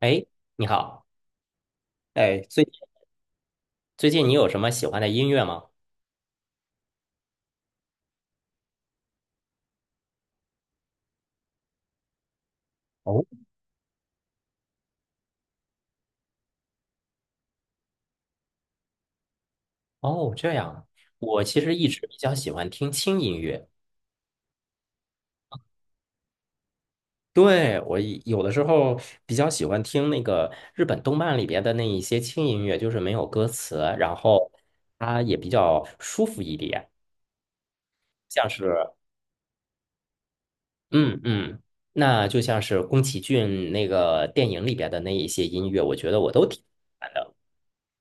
哎，你好。哎，最近你有什么喜欢的音乐吗？哦，哦，这样，我其实一直比较喜欢听轻音乐。对，我有的时候比较喜欢听那个日本动漫里边的那一些轻音乐，就是没有歌词，然后它也比较舒服一点，像是，嗯嗯，那就像是宫崎骏那个电影里边的那一些音乐，我觉得我都挺喜欢的。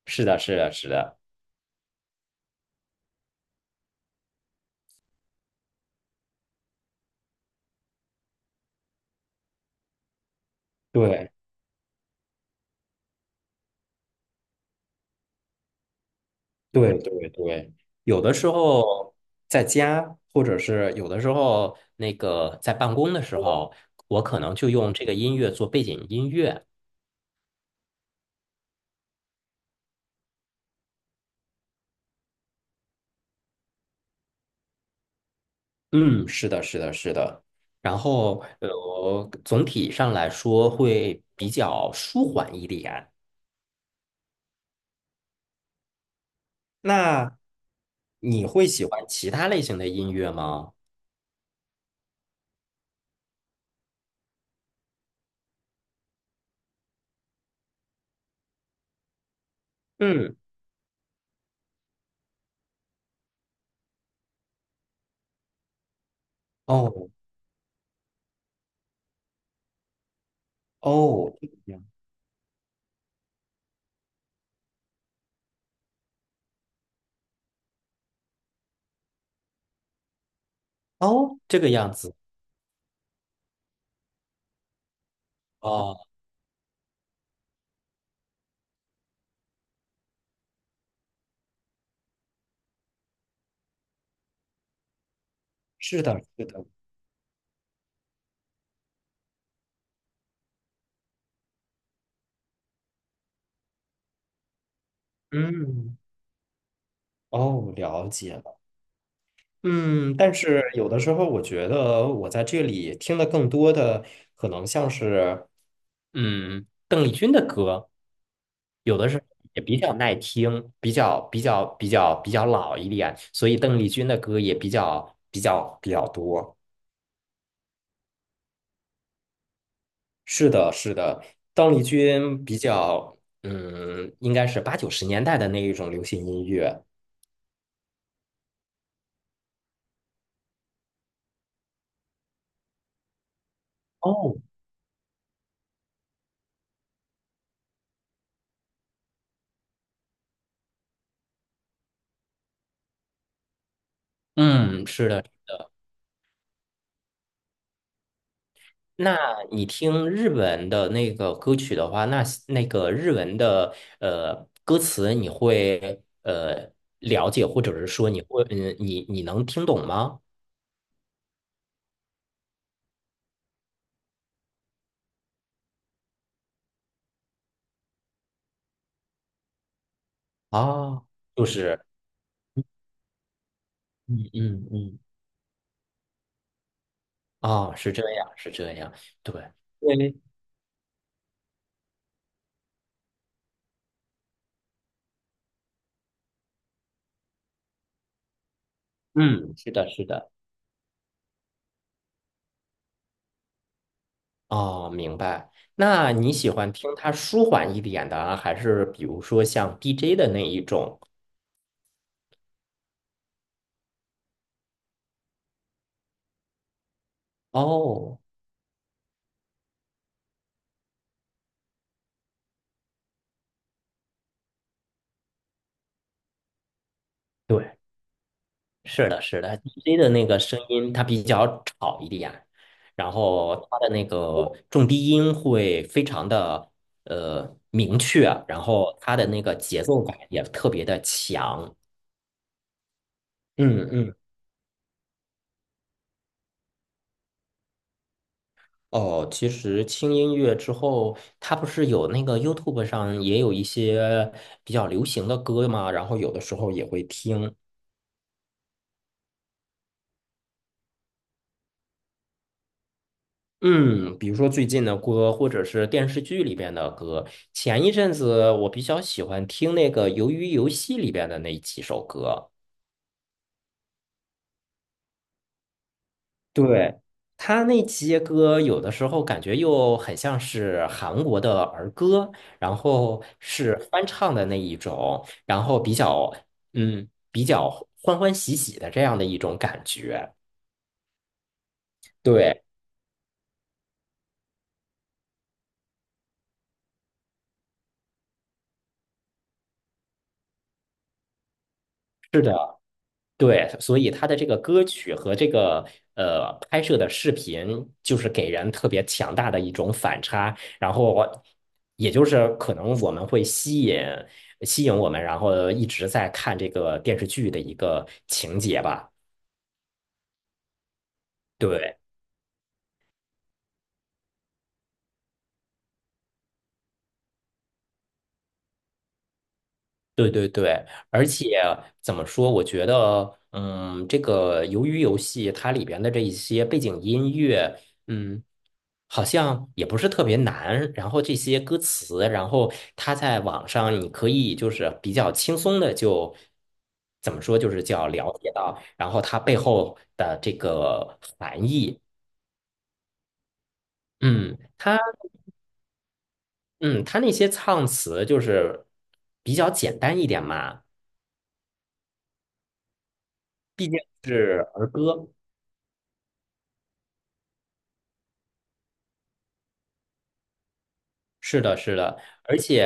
是的，是的，是的，对。对对对，有的时候在家，或者是有的时候那个在办公的时候，我可能就用这个音乐做背景音乐。嗯，是的，是的，是的。然后，总体上来说会比较舒缓一点。那你会喜欢其他类型的音乐吗？嗯，哦哦，这个样哦，这个样子哦，是的，是的，嗯，哦，了解了。嗯，但是有的时候我觉得我在这里听的更多的可能像是，嗯，更有的是也比较耐听，比较老一点，所以邓丽君的歌也比较多。是的，是的，邓丽君比较，嗯，应该是八九十年代的那一种流行音乐。哦，嗯，是的。那你听日文的那个歌曲的话，那个日文的歌词，你会了解，或者是说你会嗯，你能听懂吗？啊，就是嗯嗯嗯，哦，是这样，是这样，对，对，嗯，是的，是的，哦，明白。那你喜欢听它舒缓一点的啊还是比如说像 DJ 的那一种？哦。对。是的，是的，DJ 的那个声音它比较吵一点，然后它的那个重低音会非常的明确，然后它的那个节奏感也特别的强。嗯嗯。哦，其实轻音乐之后，它不是有那个 YouTube 上也有一些比较流行的歌嘛，然后有的时候也会听。嗯，比如说最近的歌，或者是电视剧里边的歌。前一阵子我比较喜欢听那个《鱿鱼游戏》里边的那几首歌。对，他那些歌有的时候感觉又很像是韩国的儿歌，然后是翻唱的那一种，然后比较比较欢欢喜喜的这样的一种感觉。对。对，所以他的这个歌曲和这个拍摄的视频，就是给人特别强大的一种反差，然后也就是可能我们会吸引我们，然后一直在看这个电视剧的一个情节吧。对，对对对，而且怎么说？我觉得，嗯，这个鱿鱼游戏它里边的这一些背景音乐，嗯，好像也不是特别难。然后这些歌词，然后它在网上你可以就是比较轻松的就怎么说，就是叫了解到，然后它背后的这个含义。嗯，它嗯，它那些唱词就是比较简单一点嘛，毕竟是儿歌。是的，是的，而且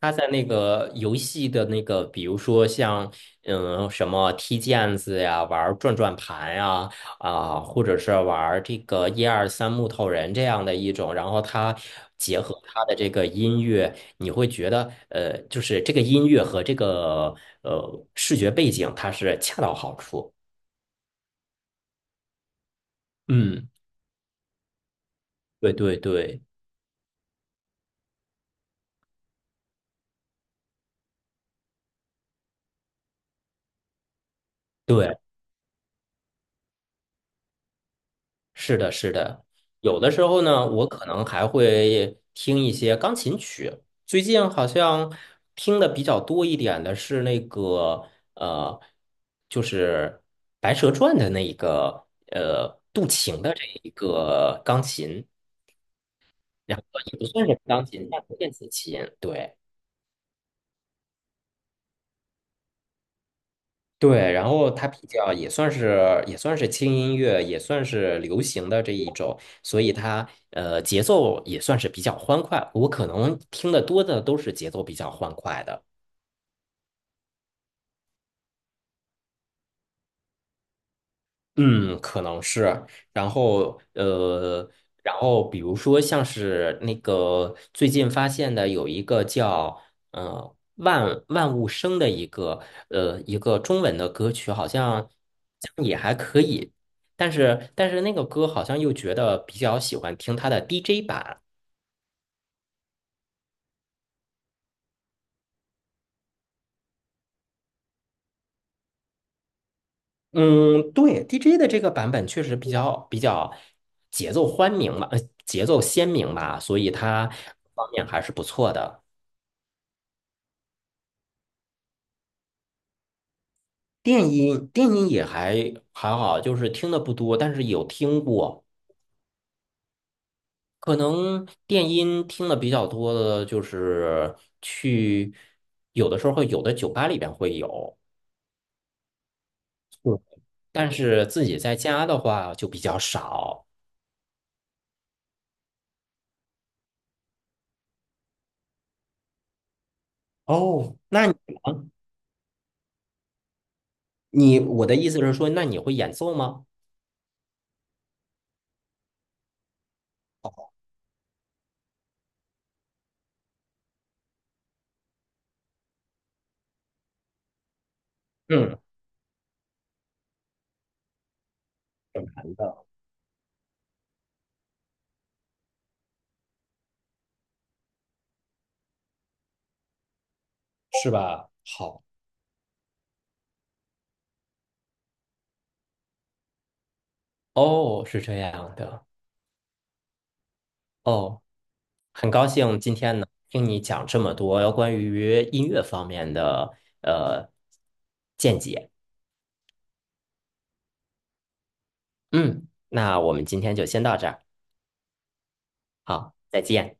他在那个游戏的那个，比如说像什么踢毽子呀，玩转转盘呀，啊，或者是玩这个一二三木头人这样的一种，然后他结合他的这个音乐，你会觉得就是这个音乐和这个视觉背景，它是恰到好处。嗯，对对对对。是的，是的，有的时候呢，我可能还会听一些钢琴曲。最近好像听的比较多一点的是那个呃，就是《白蛇传》的那一个渡情的这一个钢琴，然后也不算是钢琴，但是电子琴，对。对，然后它比较也算是也算是轻音乐，也算是流行的这一种，所以它节奏也算是比较欢快。我可能听得多的都是节奏比较欢快的。嗯，可能是。然后，然后比如说像是那个最近发现的有一个叫万万物生的一个一个中文的歌曲，好像也还可以，但是那个歌好像又觉得比较喜欢听它的 DJ 版。嗯，对，DJ 的这个版本确实比较节奏欢明吧，呃，节奏鲜明吧，所以它方面还是不错的。电音也还好，就是听的不多，但是有听过。可能电音听的比较多的，就是去有的时候有的酒吧里边会有，嗯，但是自己在家的话就比较少。哦，那你呢我的意思是说，那你会演奏吗？嗯，是吧？好，哦，是这样的。哦。很高兴今天能听你讲这么多关于音乐方面的呃见解。嗯，那我们今天就先到这儿，好，再见。